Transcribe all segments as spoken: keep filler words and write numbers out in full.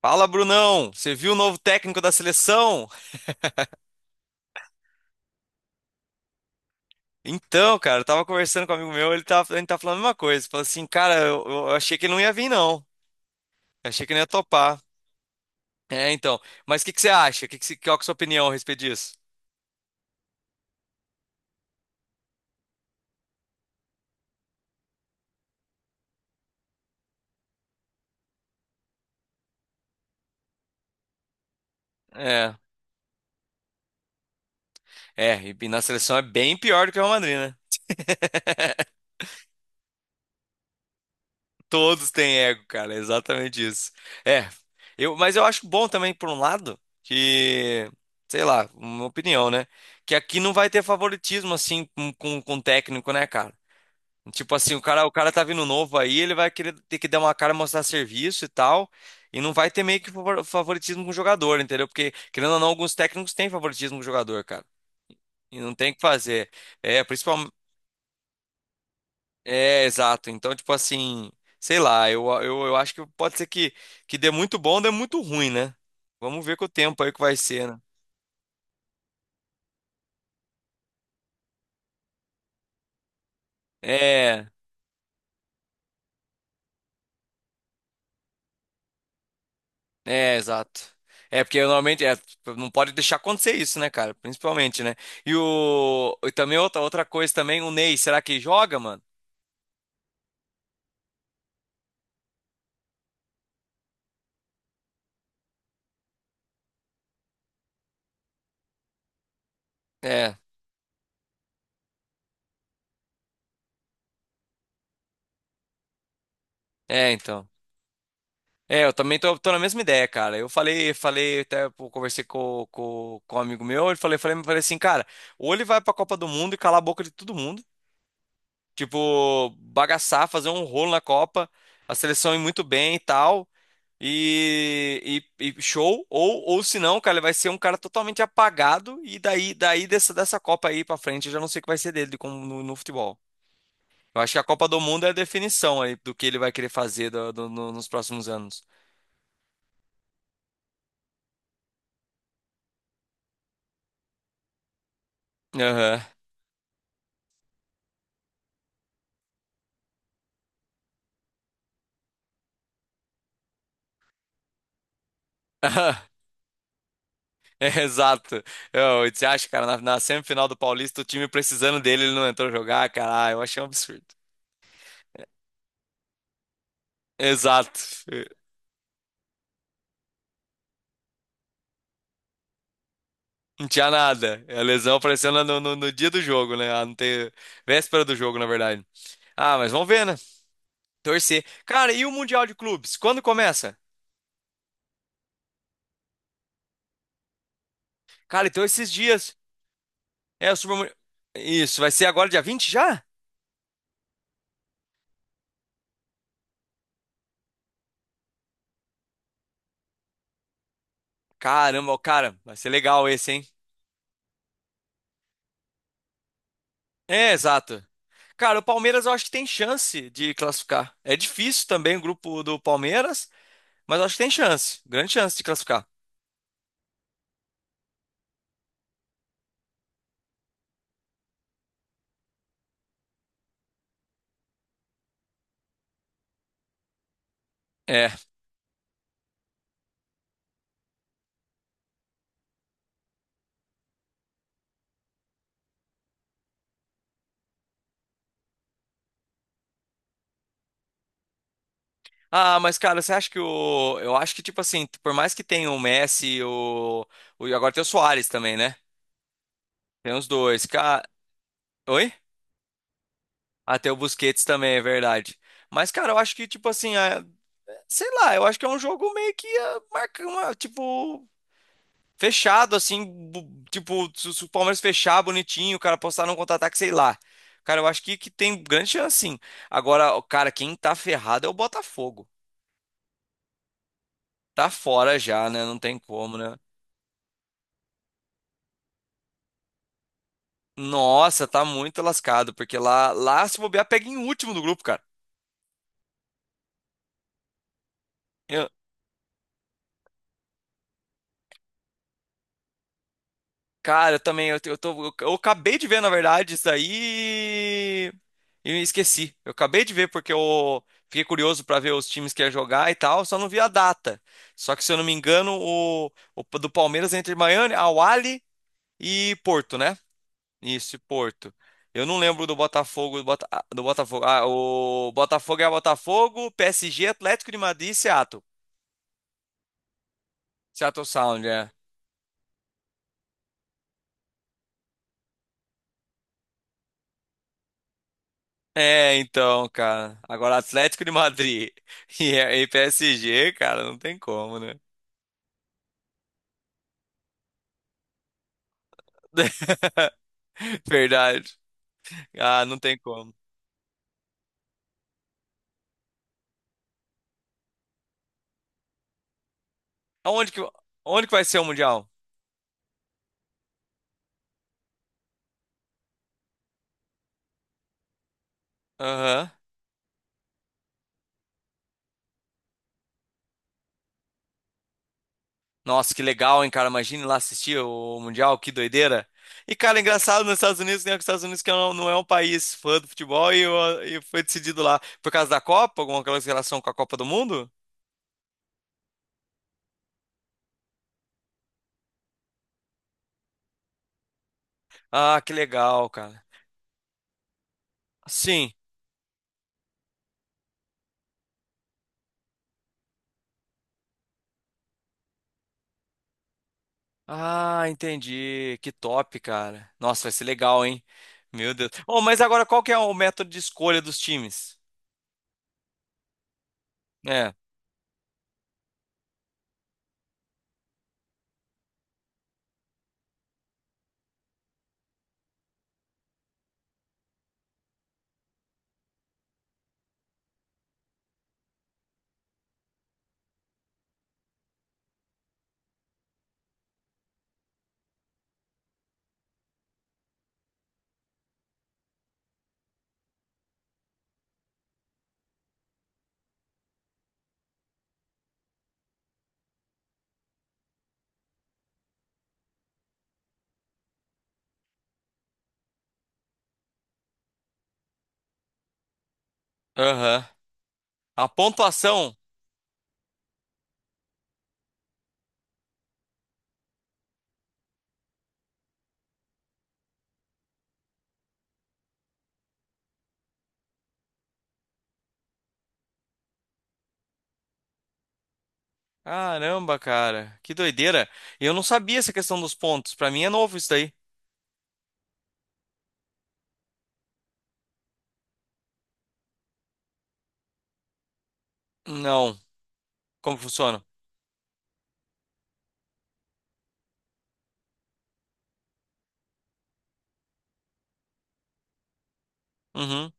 Fala, Brunão! Você viu o novo técnico da seleção? Então, cara, eu tava conversando com um amigo meu, ele tava, ele tá falando a mesma coisa. Falou assim, cara, eu, eu achei que ele não ia vir, não. Eu achei que ele ia topar. É, então. Mas o que que você acha? Que que você- qual que é a sua opinião a respeito disso? É, é, e e na seleção é bem pior do que o Real Madrid, né? Todos têm ego, cara, é exatamente isso. É, eu, mas eu acho bom também, por um lado, que, sei lá, uma opinião, né? Que aqui não vai ter favoritismo, assim, com, com, com técnico, né, cara? Tipo assim, o cara, o cara tá vindo novo aí, ele vai querer ter que dar uma cara, mostrar serviço e tal, e não vai ter meio que favor- favoritismo com o jogador, entendeu? Porque, querendo ou não, alguns técnicos têm favoritismo com o jogador, cara. E não tem o que fazer. É, principalmente. É, exato. Então, tipo assim, sei lá, eu, eu, eu acho que pode ser que, que dê muito bom, dê muito ruim, né? Vamos ver com o tempo aí que vai ser, né? É. É, exato. É, porque normalmente é, não pode deixar acontecer isso, né, cara? Principalmente, né? E o. E também outra, outra coisa também, o Ney, será que joga, mano? É, é, então. É, eu também tô, tô na mesma ideia, cara. Eu falei, falei, até pô, conversei com, com, com um amigo meu, ele falei, falei, falei assim, cara, ou ele vai pra Copa do Mundo e calar a boca de todo mundo. Tipo, bagaçar, fazer um rolo na Copa, a seleção ir muito bem e tal. E, e- e show, ou, ou se não, cara, ele vai ser um cara totalmente apagado. E daí, daí dessa, dessa Copa aí pra frente, eu já não sei o que vai ser dele como no, no futebol. Eu acho que a Copa do Mundo é a definição aí do que ele vai querer fazer do- do- no- nos próximos anos. Aham. É, exato. Eu, você acha, cara, na, na semifinal do Paulista, o time precisando dele, ele não entrou jogar, cara. Ah, eu achei um absurdo. Exato. Não tinha nada. A lesão aparecendo no, no, no dia do jogo, né? Ah, não tem, véspera do jogo, na verdade. Ah, mas vamos ver, né? Torcer. Cara, e o Mundial de Clubes? Quando começa? Cara, então esses dias. É o Super... Mun- isso, vai ser agora dia vinte já? Caramba, cara, vai ser legal esse, hein? É, exato. Cara, o Palmeiras eu acho que tem chance de classificar. É difícil também o grupo do Palmeiras, mas eu acho que tem chance. Grande chance de classificar. É. Ah, mas cara, você acha que o. eu acho que, tipo assim, por mais que tenha o Messi, e o. o... e agora tem o Suárez também, né? Tem os dois. Cara, oi? Ah, tem o Busquets também, é verdade. Mas, cara, eu acho que, tipo assim, ah, sei lá, eu acho que é um jogo meio que ah, marca uma, tipo, fechado, assim, bu- tipo, se se o Palmeiras fechar bonitinho, o cara postar num contra-ataque, sei lá. Cara, eu acho que, que tem grande chance, sim. Agora, o cara, quem tá ferrado é o Botafogo. Tá fora já, né? Não tem como, né? Nossa, tá muito lascado, porque lá, lá se bobear, pega em último do grupo, cara. Eu- cara, eu também, eu, te- eu tô, eu, eu acabei de ver, na verdade, isso daí e eu esqueci. Eu acabei de ver porque eu fiquei curioso pra ver os times que ia jogar e tal, só não vi a data. Só que, se eu não me engano, o, o do Palmeiras é entre Miami, Al Ahly e Porto, né? Isso, e Porto. Eu não lembro do Botafogo, do, Bota- ah, do Botafogo. Ah, o Botafogo é Botafogo, P S G, Atlético de Madrid e Seattle. Seattle Sound, é. É, então, cara. Agora Atlético de Madrid e, é, e P S G, cara, não tem como, né? Verdade. Ah, não tem como. Aonde que, onde que vai ser o Mundial? Aham. Nossa, que legal, hein, cara? Imagine lá assistir o Mundial, que doideira. E, cara, engraçado nos Estados Unidos, né? que Os Estados Unidos que não, não é um país fã do futebol e, o- e foi decidido lá por causa da Copa, alguma coisa em relação com a Copa do Mundo? Ah, que legal, cara. Sim. Ah, entendi. Que top, cara. Nossa, vai ser legal, hein? Meu Deus. Oh, mas agora qual que é o método de escolha dos times? É. Aham. A pontuação. Caramba, cara. Que doideira. Eu não sabia essa questão dos pontos. Pra mim é novo isso daí. Não. Como que funciona? Uhum.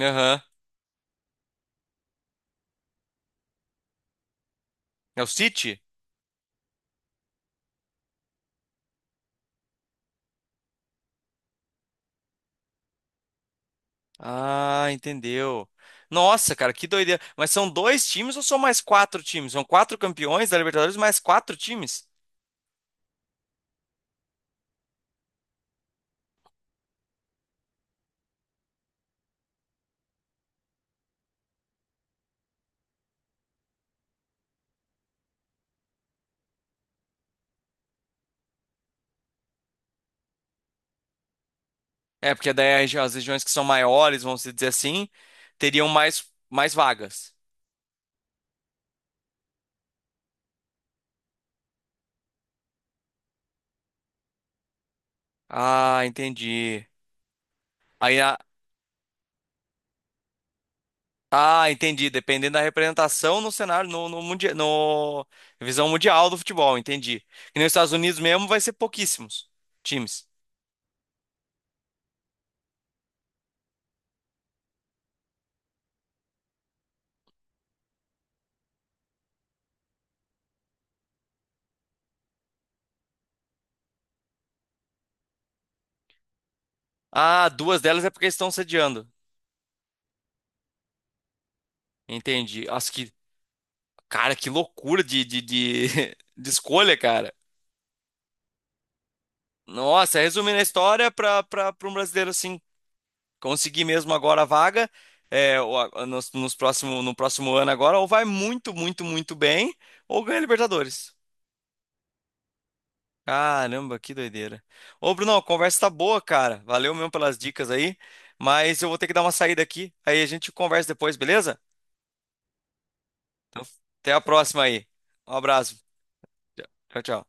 Aham. É o City? Ah, entendeu. Nossa, cara, que doideira. Mas são dois times ou são mais quatro times? São quatro campeões da Libertadores mais quatro times? É, porque daí as as regiões que são maiores, vamos dizer assim, teriam mais, mais vagas. Ah, entendi. Aí a, ah, entendi. Dependendo da representação no cenário, no, no, mundia- no visão mundial do futebol, entendi. E nos Estados Unidos mesmo vai ser pouquíssimos times. Ah, duas delas é porque eles estão sediando. Entendi. Nossa, que, cara, que loucura de, de, de, de escolha, cara. Nossa, resumindo a história para para um brasileiro assim. Conseguir mesmo agora a vaga é, o- a- nos, nos próximo, no próximo ano agora, ou vai muito, muito, muito bem, ou ganha Libertadores. Caramba, que doideira. Ô, Bruno, a conversa tá boa, cara. Valeu mesmo pelas dicas aí, mas eu vou ter que dar uma saída aqui. Aí a gente conversa depois, beleza? Até a próxima aí. Um abraço. Tchau, tchau.